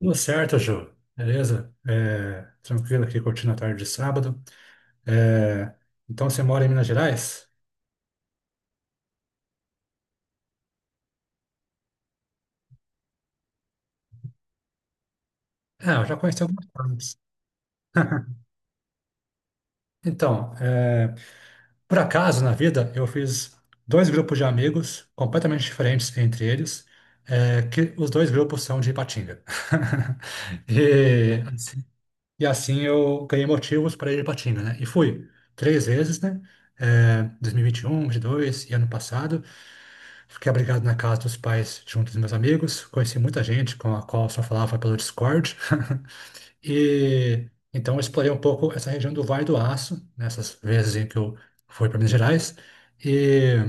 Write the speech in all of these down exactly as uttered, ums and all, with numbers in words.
Tudo certo, Ju. Beleza? É, tranquilo aqui, curtindo a tarde de sábado. É, então, você mora em Minas Gerais? Ah, eu já conheci algumas coisas. Então, é, por acaso, na vida, eu fiz dois grupos de amigos completamente diferentes entre eles, é, que os dois grupos são de Ipatinga. E E assim eu ganhei motivos para ir para Tina, né? E fui três vezes, né? É, dois mil e vinte e um, dois mil e vinte e dois e vinte e um, vinte e dois e ano passado. Fiquei abrigado na casa dos pais junto dos meus amigos. Conheci muita gente com a qual eu só falava pelo Discord. E então eu explorei um pouco essa região do Vale do Aço, nessas vezes em que eu fui para Minas Gerais. E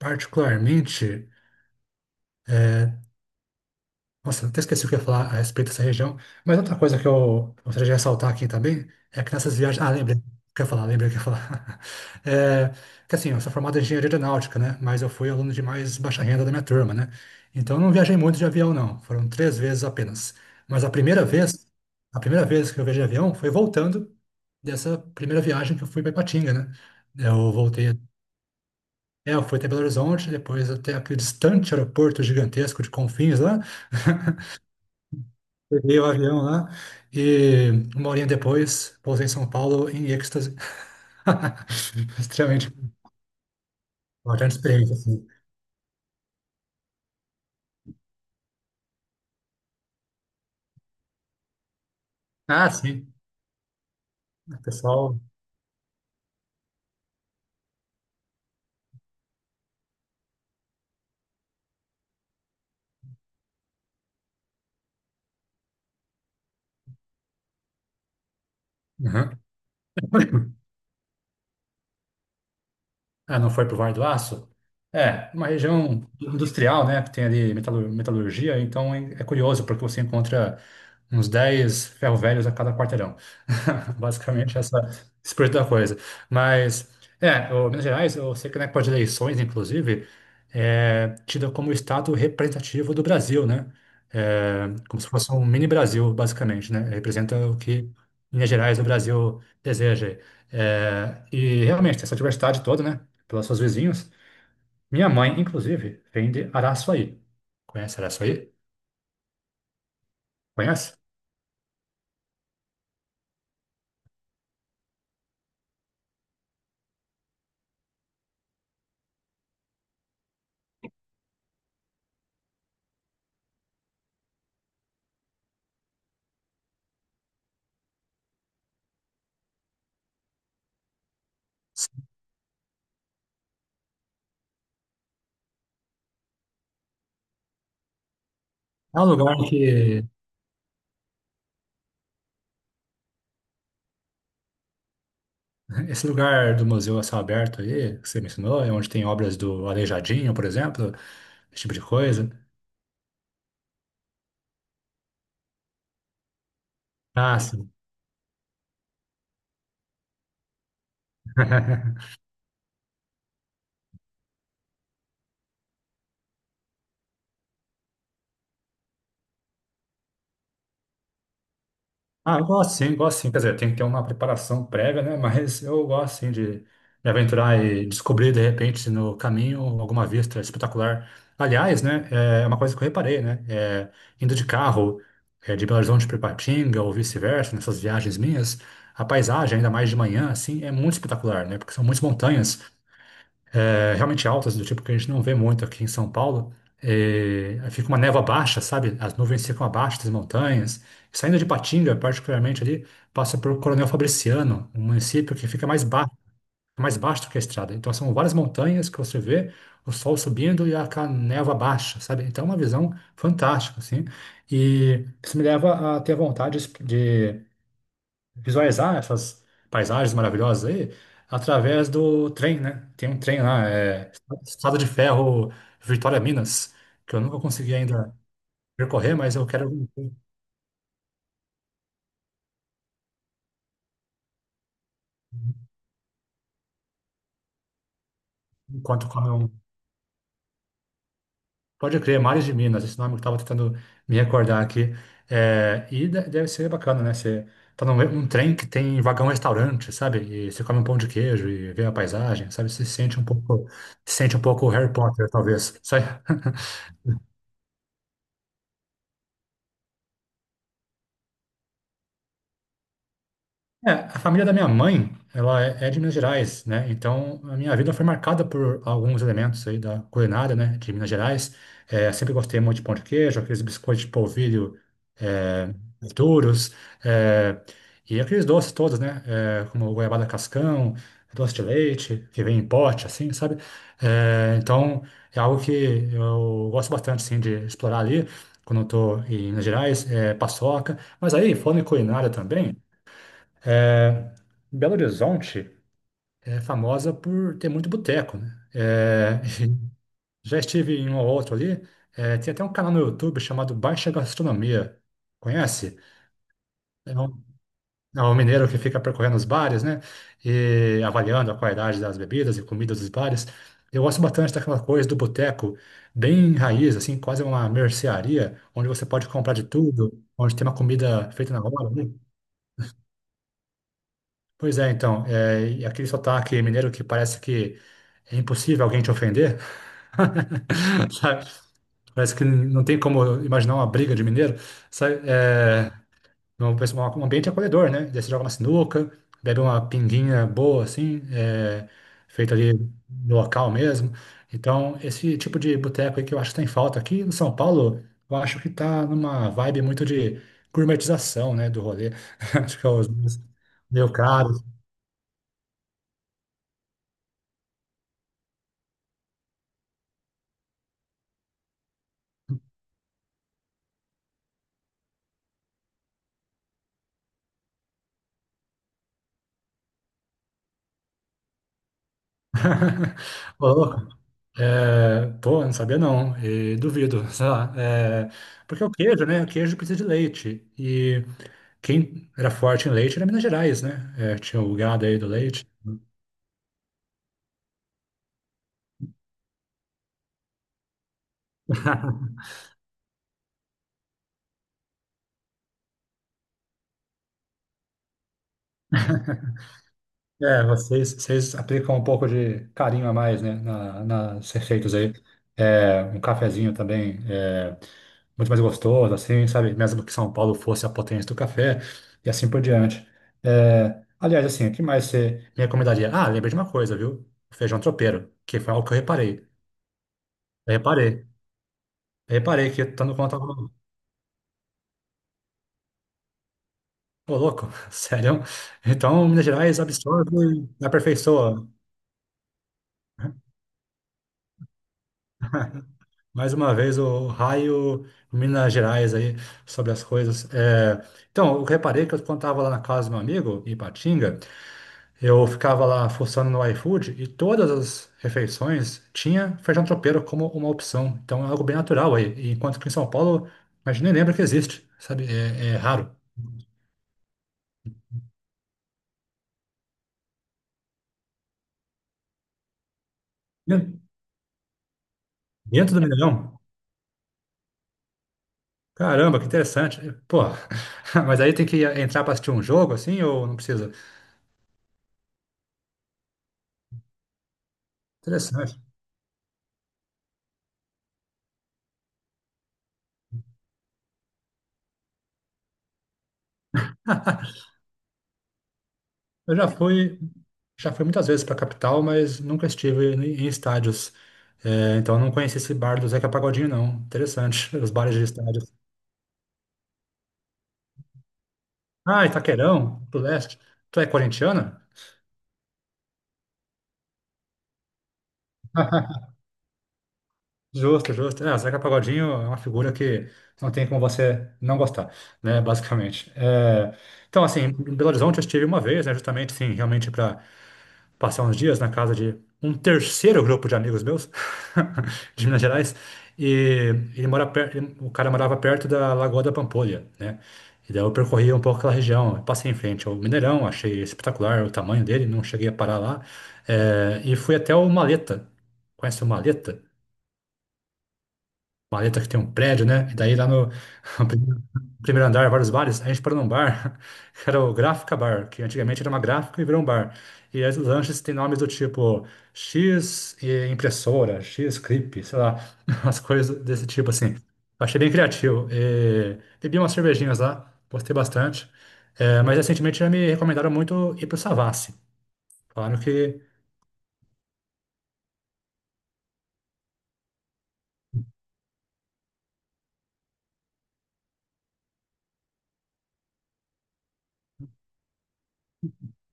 particularmente. Nossa, até esqueci o que eu ia falar a respeito dessa região. Mas outra coisa que eu gostaria de ressaltar aqui também é que nessas viagens. Ah, lembrei o que eu ia falar, lembrei o que eu ia falar. É, que assim, eu sou formado em engenharia aeronáutica, né? Mas eu fui aluno de mais baixa renda da minha turma, né? Então eu não viajei muito de avião, não. Foram três vezes apenas. Mas a primeira vez, a primeira vez que eu viajei de avião foi voltando dessa primeira viagem que eu fui para Ipatinga, né? Eu voltei. É, eu fui até Belo Horizonte, depois até aquele distante aeroporto gigantesco de Confins lá. Peguei o avião lá e uma horinha depois pousei em São Paulo em êxtase. Extremamente importante experiência, assim. Ah, sim. O pessoal. Uhum. Ah, não foi para o Vale do Aço? É, uma região industrial, né, que tem ali metalu- metalurgia, então é é curioso, porque você encontra uns dez ferro-velhos a cada quarteirão. Basicamente, essa espírito da coisa. Mas, é, o Minas Gerais, eu sei que na época de eleições, inclusive, é tida como o estado representativo do Brasil, né? É, como se fosse um mini Brasil, basicamente, né? Representa o que Minas Gerais, o Brasil, deseja. É, e realmente, tem essa diversidade toda, né? Pelas suas vizinhas. Minha mãe, inclusive, vende Araçuaí. Conhece Araçuaí? Conhece? É um lugar que. Esse lugar do Museu a Céu Aberto aí, que você mencionou, é onde tem obras do Aleijadinho, por exemplo, esse tipo de coisa. Ah, sim. Ah, eu gosto sim, gosto sim. Quer dizer, tem que ter uma preparação prévia, né? Mas eu gosto sim de me aventurar e descobrir, de repente, no caminho, alguma vista espetacular. Aliás, né? É uma coisa que eu reparei, né? É, indo de carro, é, de Belo Horizonte para Ipatinga ou vice-versa, nessas viagens minhas, a paisagem, ainda mais de manhã, assim, é muito espetacular, né? Porque são muitas montanhas é, realmente altas, do tipo que a gente não vê muito aqui em São Paulo. É, aí fica uma névoa baixa, sabe? As nuvens ficam abaixo das montanhas. Saindo de Patinga, particularmente ali, passa por Coronel Fabriciano, um município que fica mais baixo, mais baixo do que a estrada. Então são várias montanhas que você vê o sol subindo e a ca- névoa baixa, sabe? Então é uma visão fantástica, assim. E isso me leva a ter vontade de visualizar né, essas paisagens maravilhosas aí através do trem, né? Tem um trem lá, é Estrada de Ferro Vitória Minas, que eu nunca consegui ainda percorrer, mas eu quero enquanto come um. Pode crer, Mares de Minas, esse nome que eu estava tentando me recordar aqui. É, e de- deve ser bacana, né? Você tá num um trem que tem vagão restaurante, sabe? E você come um pão de queijo e vê a paisagem, sabe? Você se sente um pouco, se sente um pouco Harry Potter, talvez. Sabe? É, a família da minha mãe, ela é é de Minas Gerais, né? Então, a minha vida foi marcada por alguns elementos aí da culinária, né, de Minas Gerais. É, sempre gostei muito de pão de queijo, aqueles biscoitos de polvilho é, duros, é, e aqueles doces todos, né? É, como goiabada cascão, doce de leite, que vem em pote, assim, sabe? É, então, é algo que eu gosto bastante, assim, de explorar ali, quando eu tô em Minas Gerais, é, paçoca. Mas aí, falando em culinária também... É, Belo Horizonte é famosa por ter muito boteco, né? É, já estive em um ou outro ali. É, tem até um canal no YouTube chamado Baixa Gastronomia. Conhece? É um, é um mineiro que fica percorrendo os bares, né? E avaliando a qualidade das bebidas e comidas dos bares. Eu gosto bastante daquela coisa do boteco, bem raiz, assim, quase uma mercearia, onde você pode comprar de tudo, onde tem uma comida feita na hora, né? Pois é, então, é, e aquele sotaque mineiro que parece que é impossível alguém te ofender, sabe? Parece que não tem como imaginar uma briga de mineiro, sabe? É, um pessoal- um ambiente é acolhedor, né? Daí você joga uma sinuca, bebe uma pinguinha boa, assim, é, feita ali no local mesmo. Então, esse tipo de boteco aí que eu acho que tem falta aqui em São Paulo, eu acho que tá numa vibe muito de gourmetização, né, do rolê. Acho que é os meus- meio caro, Ô, louco. É, pô, não sabia não, e duvido, sei lá. É, porque o queijo, né? O queijo precisa de leite. E quem era forte em leite era Minas Gerais, né? É, tinha o gado aí do leite. É, vocês, vocês aplicam um pouco de carinho a mais, né? Na, nas receitas aí. É, um cafezinho também. É, muito mais gostoso, assim, sabe? Mesmo que São Paulo fosse a potência do café e assim por diante. É, aliás, assim, o que mais você me recomendaria? Ah, lembrei de uma coisa, viu? O feijão tropeiro, que foi algo que eu reparei. Eu reparei. Eu reparei que eu tô no contato. Ô, louco, sério? Então, Minas Gerais absorve e aperfeiçoa. Mais uma vez, o raio Minas Gerais aí sobre as coisas. É, então, eu reparei que eu, quando estava lá na casa do meu amigo, em Ipatinga, eu ficava lá fuçando no iFood e todas as refeições tinha feijão tropeiro como uma opção. Então é algo bem natural aí. E enquanto que em São Paulo, a gente nem lembra que existe, sabe? É, é raro. Dentro dentro do Mineirão? Caramba, que interessante. Pô, mas aí tem que entrar para assistir um jogo assim ou não precisa? Interessante. Eu já fui, já fui muitas vezes para a capital, mas nunca estive em em estádios. É, então não conheci esse bar do Zeca Pagodinho, não. Interessante, os bares de estádios. Ah, Itaquerão, do leste. Tu é corintiana? Justo, justo. Ah, Zeca Pagodinho é uma figura que não tem como você não gostar, né? Basicamente. É, então, assim, em Belo Horizonte eu estive uma vez, né? Justamente, sim, realmente para passar uns dias na casa de um terceiro grupo de amigos meus, de Minas Gerais, e ele mora per- ele- o cara morava perto da Lagoa da Pampolha, né? E daí eu percorri um pouco aquela região, eu passei em frente ao Mineirão, achei espetacular o tamanho dele, não cheguei a parar lá, eh, e fui até o Maleta. Conhece o Maleta? Valeta que tem um prédio, né? E daí lá no no primeiro primeiro andar, vários bares, a gente parou num bar, que era o Gráfica Bar, que antigamente era uma gráfica e virou um bar. E aí os lanches têm nomes do tipo X e impressora, X clip, sei lá, umas coisas desse tipo assim. Eu achei bem criativo. E bebi umas cervejinhas lá, gostei bastante. É, mas recentemente já me recomendaram muito ir pro Savassi. Falaram que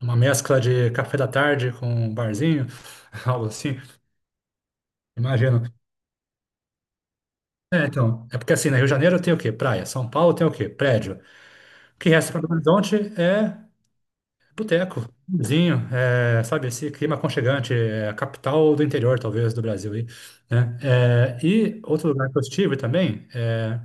uma mescla de café da tarde com um barzinho, algo assim. Imagino. É, então, é porque assim, no Rio de Janeiro tem o quê? Praia. São Paulo tem o quê? Prédio. O que resta para Belo Horizonte é boteco, vizinho, é, sabe, esse clima aconchegante, é a capital do interior, talvez, do Brasil aí, né? É, e outro lugar que eu estive também é,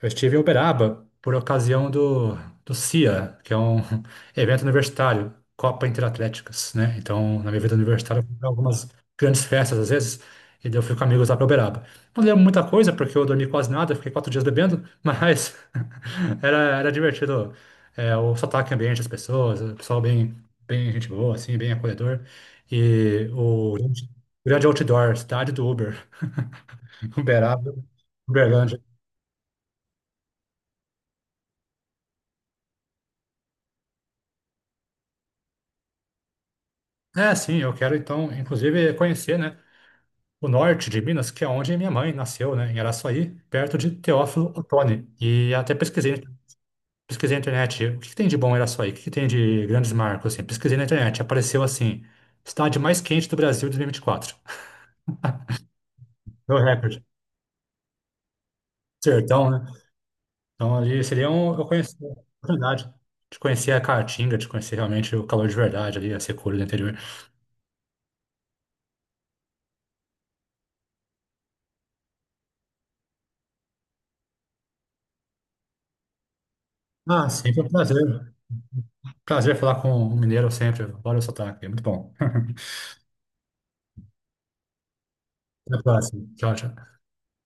eu estive em Uberaba por ocasião do, do CIA, que é um evento universitário, Copa Interatléticas, né? Então, na minha vida universitária, eu fui pra algumas grandes festas às vezes, e daí eu fui com amigos lá para Uberaba. Não lembro muita coisa, porque eu dormi quase nada, fiquei quatro dias bebendo, mas era, era divertido. É, o sotaque ambiente, as pessoas, o pessoal bem, bem gente boa, assim, bem acolhedor. E o grande, grande outdoor, cidade do Uber, Uberaba, Uberlândia. É, sim, eu quero então, inclusive, conhecer, né, o norte de Minas, que é onde minha mãe nasceu, né, em Araçuaí, perto de Teófilo Otoni. E até pesquisei, pesquisei na internet, o que que tem de bom em Araçuaí? O que que tem de grandes marcos, assim? Pesquisei na internet, apareceu assim, cidade mais quente do Brasil de dois mil e vinte e quatro. Meu recorde. Sertão, né? Então ali seria um, eu conheci a oportunidade de conhecer a Caatinga, de conhecer realmente o calor de verdade ali, a secura do interior. Ah, sempre um prazer. Prazer falar com um mineiro sempre. Olha o sotaque, é muito bom. Até a próxima. Tchau, tchau.